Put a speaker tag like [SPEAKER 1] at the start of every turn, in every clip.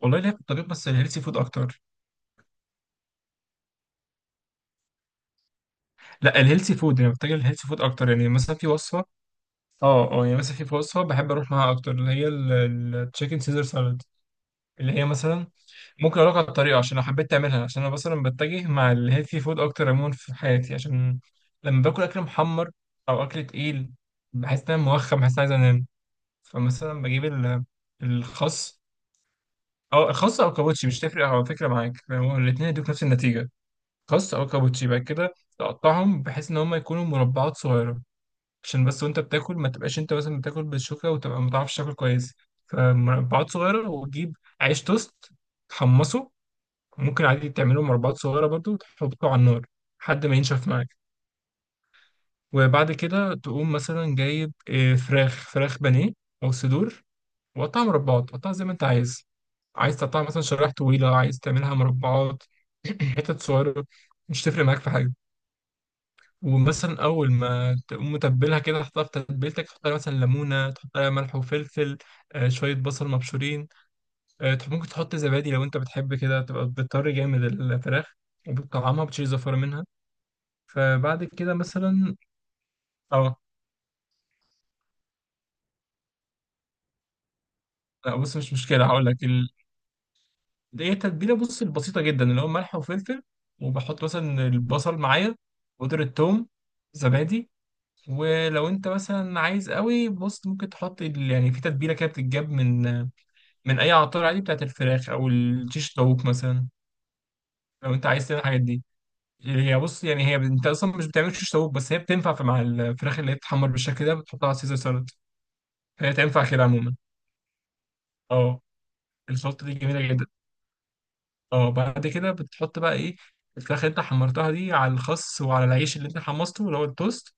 [SPEAKER 1] والله ليا في الطبيخ، بس الهيلثي فود اكتر. لا الهيلثي فود، يعني بتجي الهيلثي فود اكتر، يعني مثلا في وصفه. اه، يعني مثلا في وصفه بحب اروح معاها اكتر، اللي هي التشيكن سيزر سالاد، اللي هي مثلا. ممكن اقول لك على الطريقه، عشان لو حبيت تعملها، عشان انا مثلا بتجه مع الهيلثي فود اكتر عموما في حياتي، عشان لما باكل اكل محمر او اكل تقيل بحس ان انا موخم، بحس ان عايز انام. فمثلا بجيب الخس، او الخس او كابوتشي، مش تفرق على فكره معاك، هو الاثنين يدوك نفس النتيجه. خس او كابوتشي، بعد كده تقطعهم بحيث ان هم يكونوا مربعات صغيره، عشان بس وانت بتاكل ما تبقاش انت مثلا بتاكل بالشوكه وتبقى ما تعرفش تاكل كويس. فمربعات صغيره، وتجيب عيش توست، تحمصه، ممكن عادي تعمله مربعات صغيره برضو وتحطه على النار لحد ما ينشف معاك. وبعد كده تقوم مثلا جايب فراخ بانيه او صدور، وقطعها مربعات، قطعها زي ما انت عايز. عايز تقطعها مثلا شرايح طويله، عايز تعملها مربعات، حتت صغيره، مش تفرق معاك في حاجه. ومثلا اول ما تقوم متبلها كده تحطها في تتبيلتك، تحط عليها مثلا ليمونه، تحط عليها ملح وفلفل، شويه بصل مبشورين، ممكن تحط زبادي لو انت بتحب كده، تبقى بتطري جامد الفراخ وبتطعمها بتشيل زفاره منها. فبعد كده مثلا. اه. لا بص، مش مشكله هقول لك دي هي التتبيله، بص البسيطه جدا اللي هو ملح وفلفل، وبحط مثلا البصل معايا، بودرة ثوم، زبادي. ولو انت مثلا عايز قوي، بص ممكن تحط يعني في تتبيله كده بتتجاب من من اي عطار، عادي، بتاعت الفراخ او الشيش طاووق مثلا. لو انت عايز تعمل الحاجات دي، هي بص، يعني هي انت اصلا مش بتعمل شيش طاووق، بس هي بتنفع في مع الفراخ اللي هي بتتحمر بالشكل ده بتحطها على سيزر سالاد، فهي تنفع كده عموما. اه. الخلطه دي جميله جدا. اه، بعد كده بتحط بقى ايه؟ الفراخ اللي انت حمرتها دي على الخس وعلى العيش اللي انت حمصته اللي هو التوست،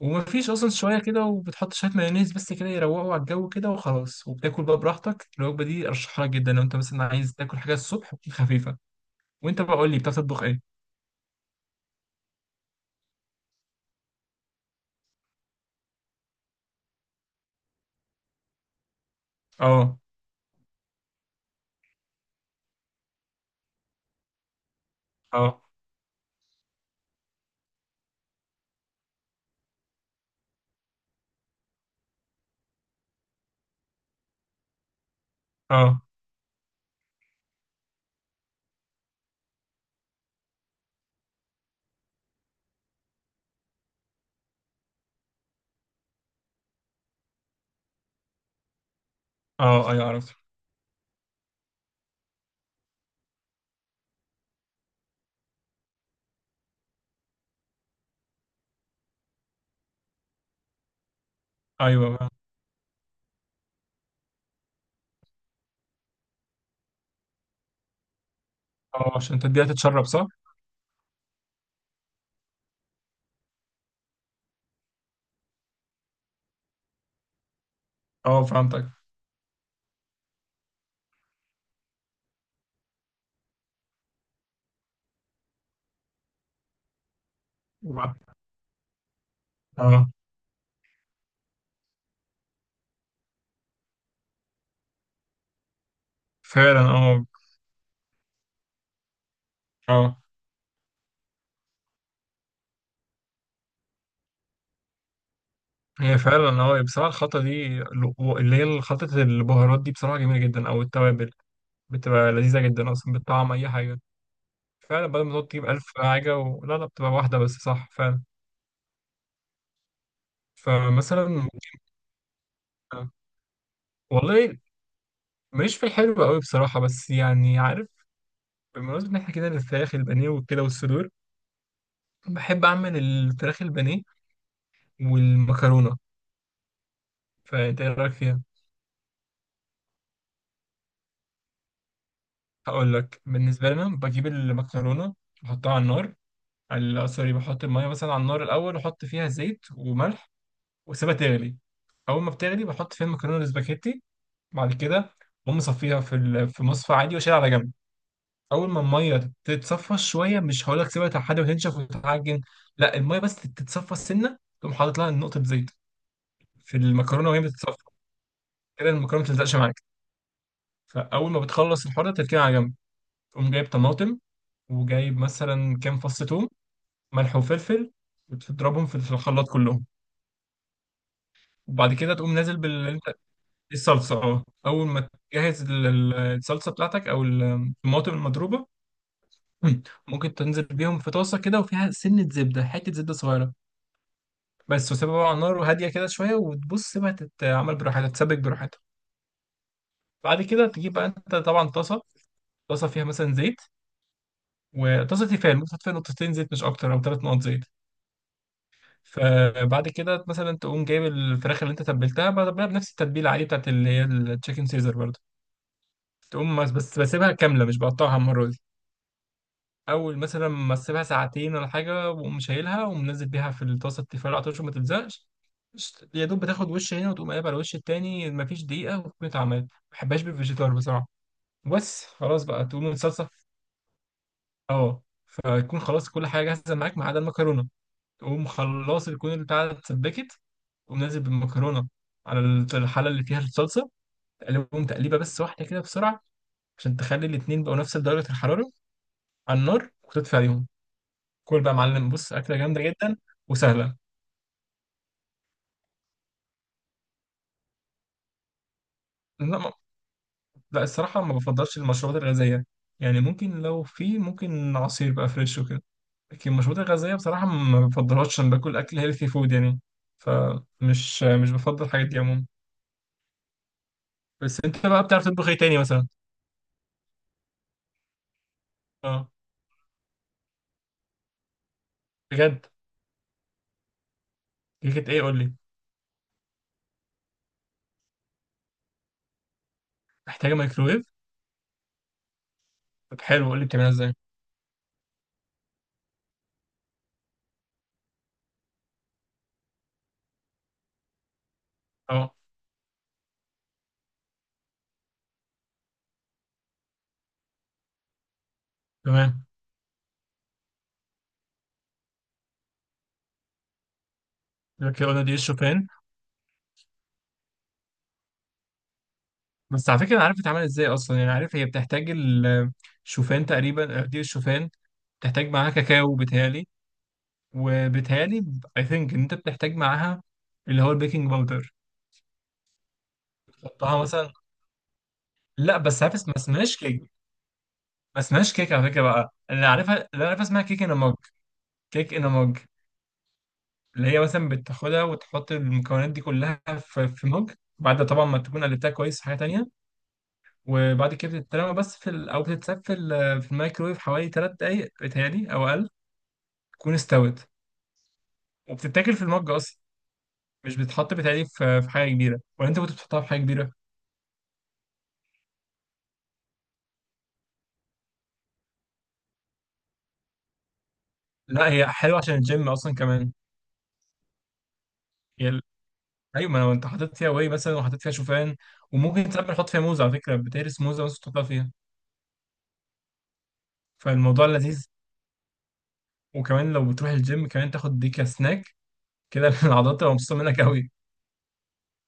[SPEAKER 1] ومفيش اصلا شويه كده، وبتحط شويه مايونيز بس كده يروقوا على الجو كده، وخلاص وبتاكل بقى براحتك. الوجبه دي ارشحها لك جدا لو انت مثلا عايز تاكل حاجه الصبح وتكون خفيفه. وانت بقى، قول لي، بتعرف تطبخ ايه؟ اه. اه. اه. اه. ايوه عرفت. ايوه بقى. اه، عشان تديها تتشرب، صح؟ اه فهمتك. وبعد- اه. فعلا، اه. اه، هي فعلا، اه، هي بصراحة الخلطة دي، اللي هي خلطة البهارات دي، بصراحة جميلة جدا، او التوابل، بتبقى لذيذة جدا، اصلا بتطعم اي حاجة. فعلا، بدل ما تقعد تجيب ألف حاجة لا لا، بتبقى واحدة بس، صح فعلا. فمثلا ممكن- والله ماليش في الحلو قوي بصراحة، بس يعني عارف، بمناسبة ان احنا كده الفراخ البانيه وكده والصدور، بحب اعمل الفراخ البانيه والمكرونة. فأنت إيه رأيك فيها؟ هقول لك. بالنسبة لنا، بجيب المكرونة، بحطها على النار، سوري، بحط المية مثلا على النار الأول، وأحط فيها زيت وملح، وأسيبها تغلي. أول ما بتغلي بحط فيها المكرونة الاسباجيتي، بعد كده بقوم مصفيها في في مصفى عادي، وأشيلها على جنب. أول ما المية تتصفى شوية، مش هقول لك سيبها لحد ما تنشف وتتعجن، لا، المية بس تتصفى السنة، تقوم حاطط لها نقطة زيت في المكرونة وهي بتتصفى، كده المكرونة ما تلزقش معاك. فأول ما بتخلص الحوار ده، تركنها على جنب، تقوم جايب طماطم، وجايب مثلا كام فص توم، ملح وفلفل، وتضربهم في الخلاط كلهم. وبعد كده تقوم نازل بال، الصلصة، اه. أول ما تجهز الصلصة بتاعتك، أو ال، الطماطم المضروبة. ممكن تنزل بيهم في طاسة كده، وفيها سنة زبدة، حتة زبدة صغيرة بس، وسيبها بقى على النار وهادية كده شوية، وتبص بقى تتعمل براحتها، تتسبك براحتها. بعد كده تجيب بقى أنت طبعا طاسة، طاسة فيها مثلا زيت، وطاسة تيفال ممكن تحط فيها نقطتين زيت، مش أكتر، أو ثلاث نقط زيت. فبعد كده مثلا تقوم جايب الفراخ اللي انت تبلتها، بتبلها بنفس التتبيله عادي بتاعت اللي هي التشيكن سيزر برضه، تقوم بس بسيبها كامله، مش بقطعها مره دي. اول مثلا ما اسيبها ساعتين ولا حاجه، واقوم شايلها ومنزل بيها في الطاسه التيفال على طول، عشان ما تلزقش. يا دوب بتاخد وش هنا وتقوم قلب على الوش التاني، مفيش دقيقه وتكون اتعملت، ما بحبهاش بالفيجيتار بصراحه، بس خلاص بقى. تقوم الصلصه، اه، فتكون خلاص كل حاجه جاهزه معاك ما عدا المكرونه. تقوم خلاص تكون البتاعه اتسبكت، قوم نازل بالمكرونه على الحله اللي فيها الصلصه، تقلبهم تقليبه بس واحده كده بسرعه، عشان تخلي الاتنين بقوا نفس درجه الحراره على النار، وتطفي عليهم. كل بقى يا معلم، بص اكله جامده جدا وسهله. لا ما- لا الصراحه، ما بفضلش المشروبات الغازيه، يعني ممكن لو في، ممكن عصير بقى فريش وكده، لكن المشروبات الغازيه بصراحه ما بفضلهاش، عشان باكل اكل هيلثي فود يعني، فمش، مش بفضل الحاجات دي عموما. بس انت بقى بتعرف تطبخ ايه تاني مثلا؟ اه، بجد؟ كيكه ايه، قول لي. محتاجه مايكروويف؟ طب حلو، قول لي بتعملها ازاي. اه، تمام، يبقى كده قلنا دي الشوفان. بس على فكره انا عارف بتتعمل ازاي اصلا، يعني عارف هي بتحتاج الشوفان تقريبا، آه، دي الشوفان، بتحتاج معاها كاكاو بتهيالي، وبتهيالي اي ثينك ان انت بتحتاج معاها اللي هو البيكنج باودر، تحطها مثلا. لا بس عارف ما اسمهاش كيك، ما اسمهاش كيك على فكره بقى اللي عارفها، اللي انا عارفها اسمها كيك ان مج. كيك ان مج، اللي هي مثلا بتاخدها وتحط المكونات دي كلها في في مج، بعد طبعا ما تكون قلبتها كويس في حاجه تانيه، وبعد كده بتترمى بس في او بتتساب في في الميكرويف حوالي 3 دقايق بتهيألي او اقل تكون استوت، وبتتاكل في المج اصلا، مش بتتحط بتهيألي في، في حاجه كبيره. ولا انت كنت بتحطها في حاجه كبيره؟ لا، هي حلوه عشان الجيم اصلا كمان. هي ال- ايوه، ما لو انت حاطط فيها واي مثلا، وحاطط فيها شوفان، وممكن ساعات بنحط فيها موز على فكره، بتهرس موزه بس تحطها فيها، فالموضوع لذيذ. وكمان لو بتروح الجيم، كمان تاخد دي كسناك كده، العضلات تبقى مبسوطه منك قوي،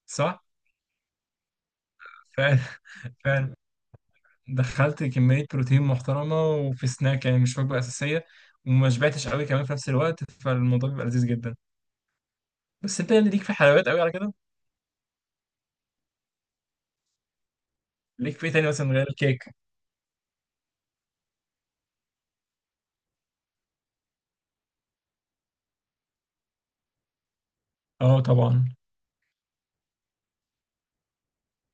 [SPEAKER 1] صح؟ فعلا. فعلا، دخلت كمية بروتين محترمة، وفي سناك يعني مش وجبة أساسية، وما شبعتش قوي كمان في نفس الوقت، فالموضوع بيبقى لذيذ جدا. بس أنت يعني ليك في حلويات قوي على كده؟ ليك في إيه تاني مثلا غير الكيك؟ أه طبعا.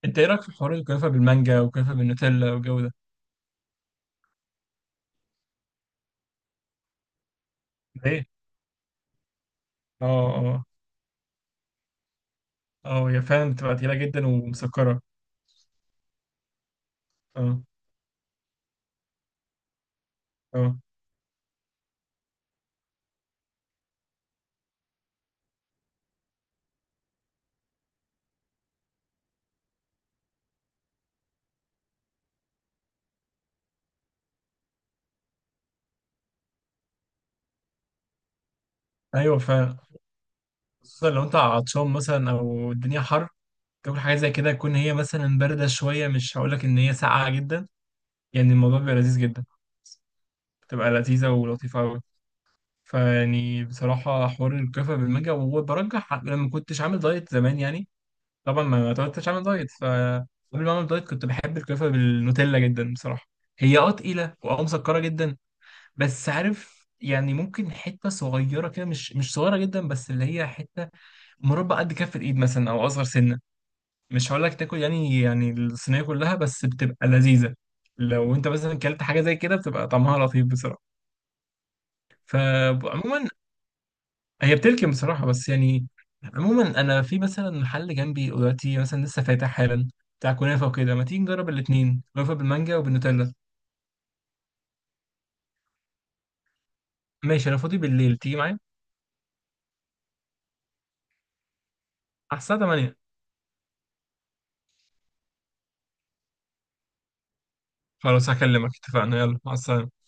[SPEAKER 1] أنت إيه رأيك في حوار الكنافة بالمانجا والكنافة بالنوتيلا والجو ده؟ إيه؟ أه. أه. أه، هي فعلا بتبقى تقيلة جدا ومسكرة. أه. أه. أيوه فعلا، خصوصا لو أنت عطشان مثلا أو الدنيا حر، تاكل حاجة زي كده تكون هي مثلا باردة شوية، مش هقولك إن هي ساقعة جدا، يعني الموضوع بيبقى لذيذ جدا، بتبقى لذيذة ولطيفة أوي. فيعني بصراحة حوار الكفة بالمانجا، وبرجح لما كنتش عامل دايت زمان يعني، طبعا ما كنتش عامل دايت. فقبل ما أعمل دايت كنت بحب الكفة بالنوتيلا جدا بصراحة، هي اه تقيلة واه مسكرة جدا، بس عارف يعني ممكن حتة صغيرة كده، مش صغيرة جدا بس، اللي هي حتة مربع قد كف الإيد مثلا أو أصغر سنة، مش هقول لك تاكل يعني، يعني الصينية كلها، بس بتبقى لذيذة. لو أنت مثلا كلت حاجة زي كده بتبقى طعمها لطيف بصراحة، فعموما هي بتركن بصراحة بس يعني. عموما أنا في مثلا محل جنبي دلوقتي مثلا لسه فاتح حالا بتاع كنافة وكده، ما تيجي نجرب الاتنين كنافة بالمانجا وبالنوتيلا. ماشي، أنا فاضي بالليل، تيجي معايا على الساعة 8. خلاص هكلمك، اتفقنا، يلا مع السلامة.